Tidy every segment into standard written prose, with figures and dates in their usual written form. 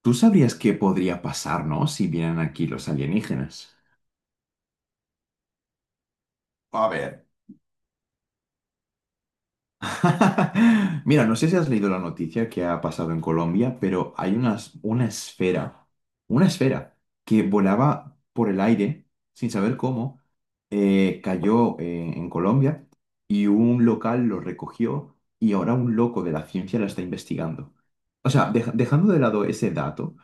¿Tú sabrías qué podría pasarnos si vienen aquí los alienígenas? A ver, mira, no sé si has leído la noticia que ha pasado en Colombia, pero hay una esfera que volaba por el aire sin saber cómo, cayó en Colombia y un local lo recogió y ahora un loco de la ciencia la está investigando. O sea, dejando de lado ese dato,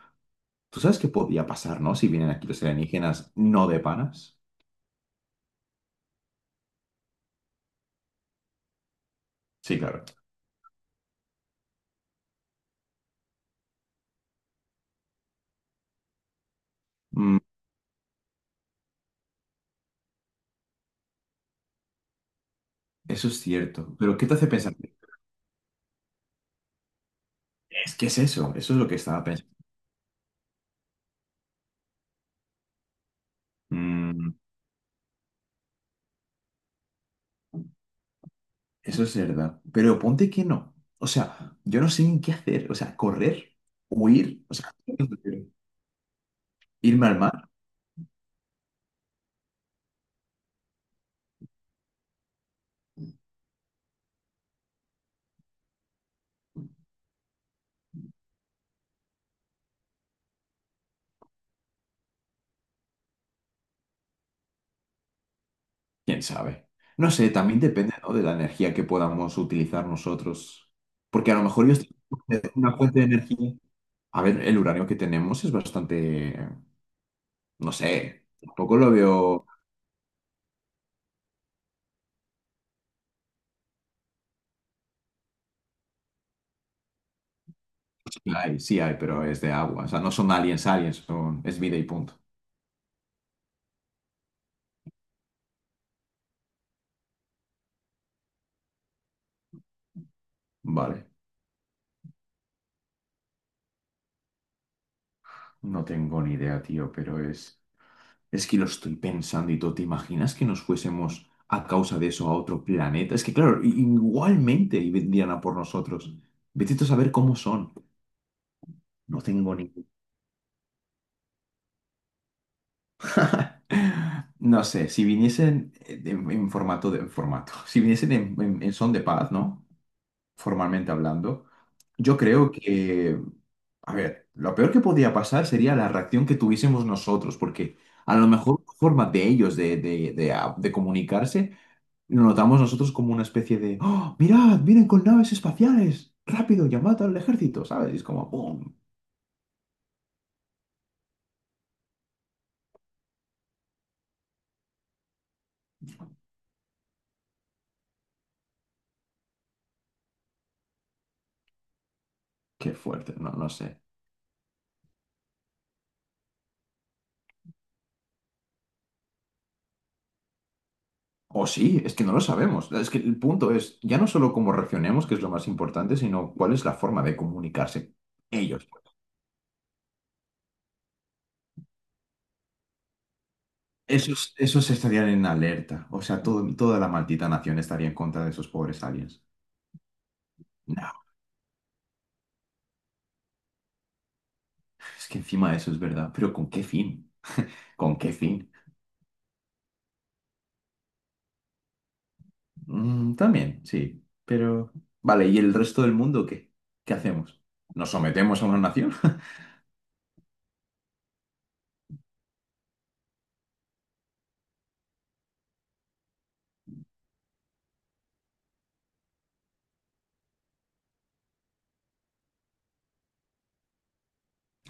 ¿tú sabes qué podría pasar, no? Si vienen aquí los alienígenas no de panas. Sí, claro. Mm, eso es cierto. Pero ¿qué te hace pensar? Es que es eso, eso es lo que estaba pensando. Mm, eso es verdad. Pero ponte que no. O sea, yo no sé ni qué hacer. O sea, correr, huir, o sea, irme al mar, quién sabe. No sé, también depende, ¿no?, de la energía que podamos utilizar nosotros. Porque a lo mejor yo estoy en una fuente de energía. A ver, el uranio que tenemos es bastante, no sé, tampoco lo veo. Sí hay, pero es de agua. O sea, no son aliens, aliens, son, es vida y punto. Vale, no tengo ni idea, tío, pero es... Es que lo estoy pensando y todo. ¿Te imaginas que nos fuésemos a causa de eso a otro planeta? Es que, claro, igualmente y vendrían a por nosotros. Vete tú a saber cómo son. No tengo ni... No sé, si viniesen en formato de... en formato. Si viniesen en son de paz, ¿no? Formalmente hablando, yo creo que... A ver, lo peor que podía pasar sería la reacción que tuviésemos nosotros, porque a lo mejor la forma de ellos de comunicarse lo notamos nosotros como una especie de, ¡oh, mirad, vienen con naves espaciales! ¡Rápido, llamad al ejército! ¿Sabes? Y es como, ¡boom! ¡Qué fuerte! No, no sé. O sí, es que no lo sabemos. Es que el punto es ya no solo cómo reaccionemos, que es lo más importante, sino cuál es la forma de comunicarse ellos. Esos, esos estarían en alerta. O sea, toda la maldita nación estaría en contra de esos pobres aliens. Nah. Es que encima eso es verdad, pero ¿con qué fin? ¿Con qué fin? Mm, también, sí, pero... Vale, ¿y el resto del mundo qué? ¿Qué hacemos? ¿Nos sometemos a una nación?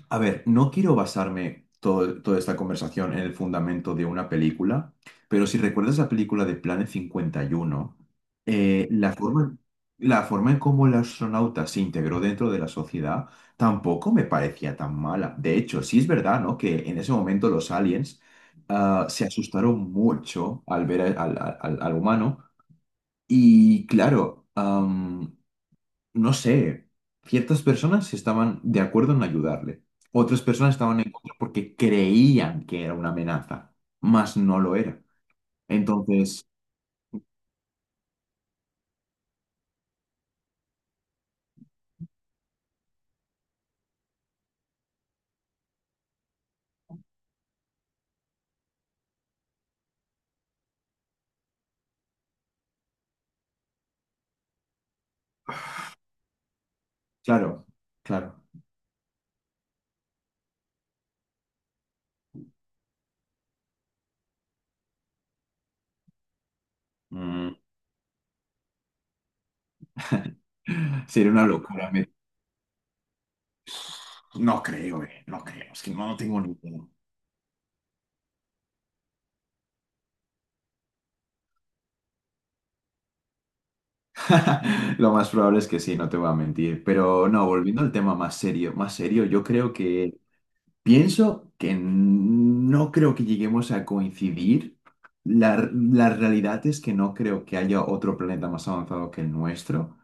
A ver, no quiero basarme toda esta conversación en el fundamento de una película, pero si recuerdas la película de Planet 51, eh, la forma, la forma en cómo el astronauta se integró dentro de la sociedad tampoco me parecía tan mala. De hecho, sí es verdad, ¿no?, que en ese momento los aliens, ah, se asustaron mucho al ver al humano y claro, no sé, ciertas personas estaban de acuerdo en ayudarle, otras personas estaban en contra porque creían que era una amenaza, mas no lo era. Entonces, claro, claro, mm, sería una locura. No creo, no creo, es que no, no tengo ni idea. Lo más probable es que sí, no te voy a mentir, pero no, volviendo al tema más serio, yo creo que... Pienso que no creo que lleguemos a coincidir. La realidad es que no creo que haya otro planeta más avanzado que el nuestro.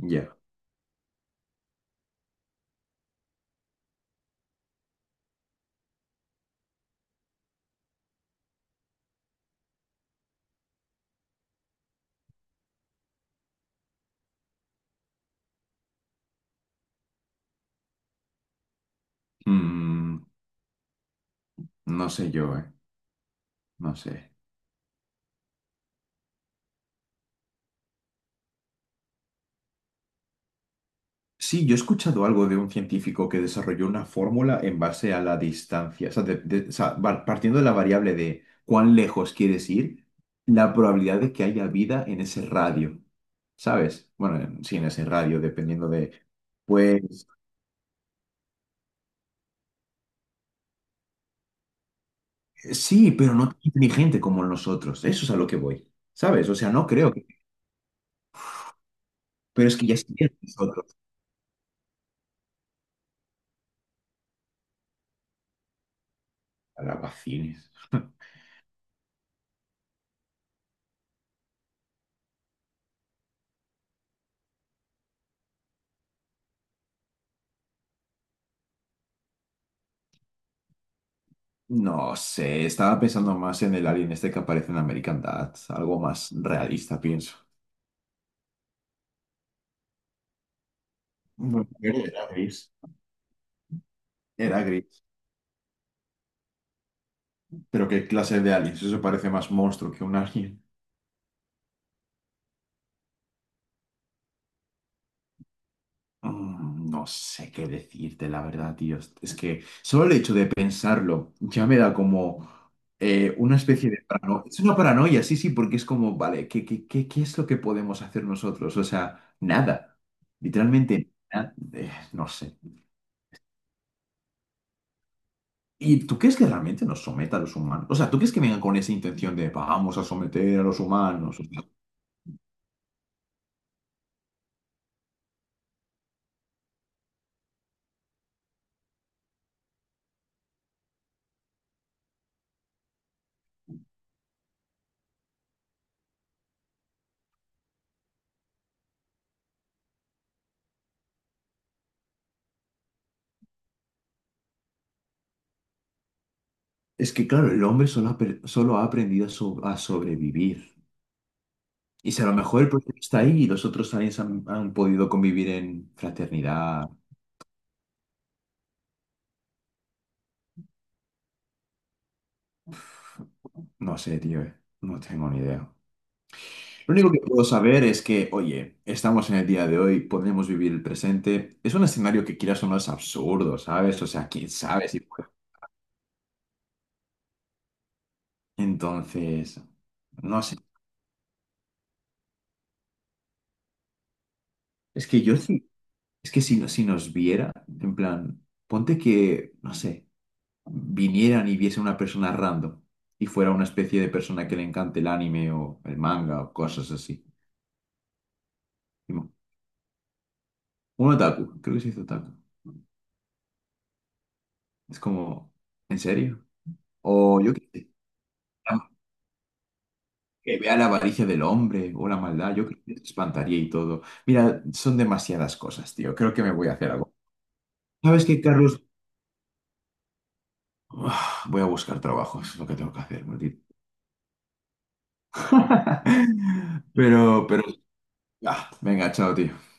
Ya. Mm, no sé yo, ¿eh? No sé. Sí, yo he escuchado algo de un científico que desarrolló una fórmula en base a la distancia. O sea, o sea, partiendo de la variable de cuán lejos quieres ir, la probabilidad de que haya vida en ese radio. ¿Sabes? Bueno, sí, en ese radio, dependiendo de... Pues sí, pero no tan inteligente como nosotros. Eso es a lo que voy. ¿Sabes? O sea, no creo que... Pero es que ya estuvieron nosotros. Calabacines. No sé, estaba pensando más en el alien este que aparece en American Dad. Algo más realista, pienso. Bueno, era gris. Era gris. Pero ¿qué clase de aliens? Eso parece más monstruo que un alien. Mm, no sé qué decirte, la verdad, tío. Es que solo el hecho de pensarlo ya me da como una especie de paranoia. Es una paranoia, sí, sí, porque es como, vale, ¿ qué es lo que podemos hacer nosotros? O sea, nada. Literalmente, nada. No sé. ¿Y tú crees que realmente nos someta a los humanos? O sea, ¿tú crees que vengan con esa intención de vamos a someter a los humanos? O sea, es que, claro, el hombre solo ha aprendido a sobrevivir. Y si a lo mejor el proyecto está ahí y los otros aliens han podido convivir en fraternidad, no sé, tío, eh. No tengo ni idea. Lo único que puedo saber es que, oye, estamos en el día de hoy, podemos vivir el presente. Es un escenario que, quieras o no, es absurdo, ¿sabes? O sea, quién sabe si puede. Entonces, no sé. Es que yo sí, es que si nos viera, en plan, ponte que, no sé, vinieran y viese una persona random y fuera una especie de persona que le encante el anime o el manga o cosas así. No. Un otaku, creo que se dice otaku. Es como, ¿en serio? O yo que vea la avaricia del hombre o la maldad, yo creo que te espantaría y todo. Mira, son demasiadas cosas, tío. Creo que me voy a hacer algo. ¿Sabes qué, Carlos? Uf, voy a buscar trabajo, eso es lo que tengo que hacer, maldito. Pero, pero, venga, chao, tío.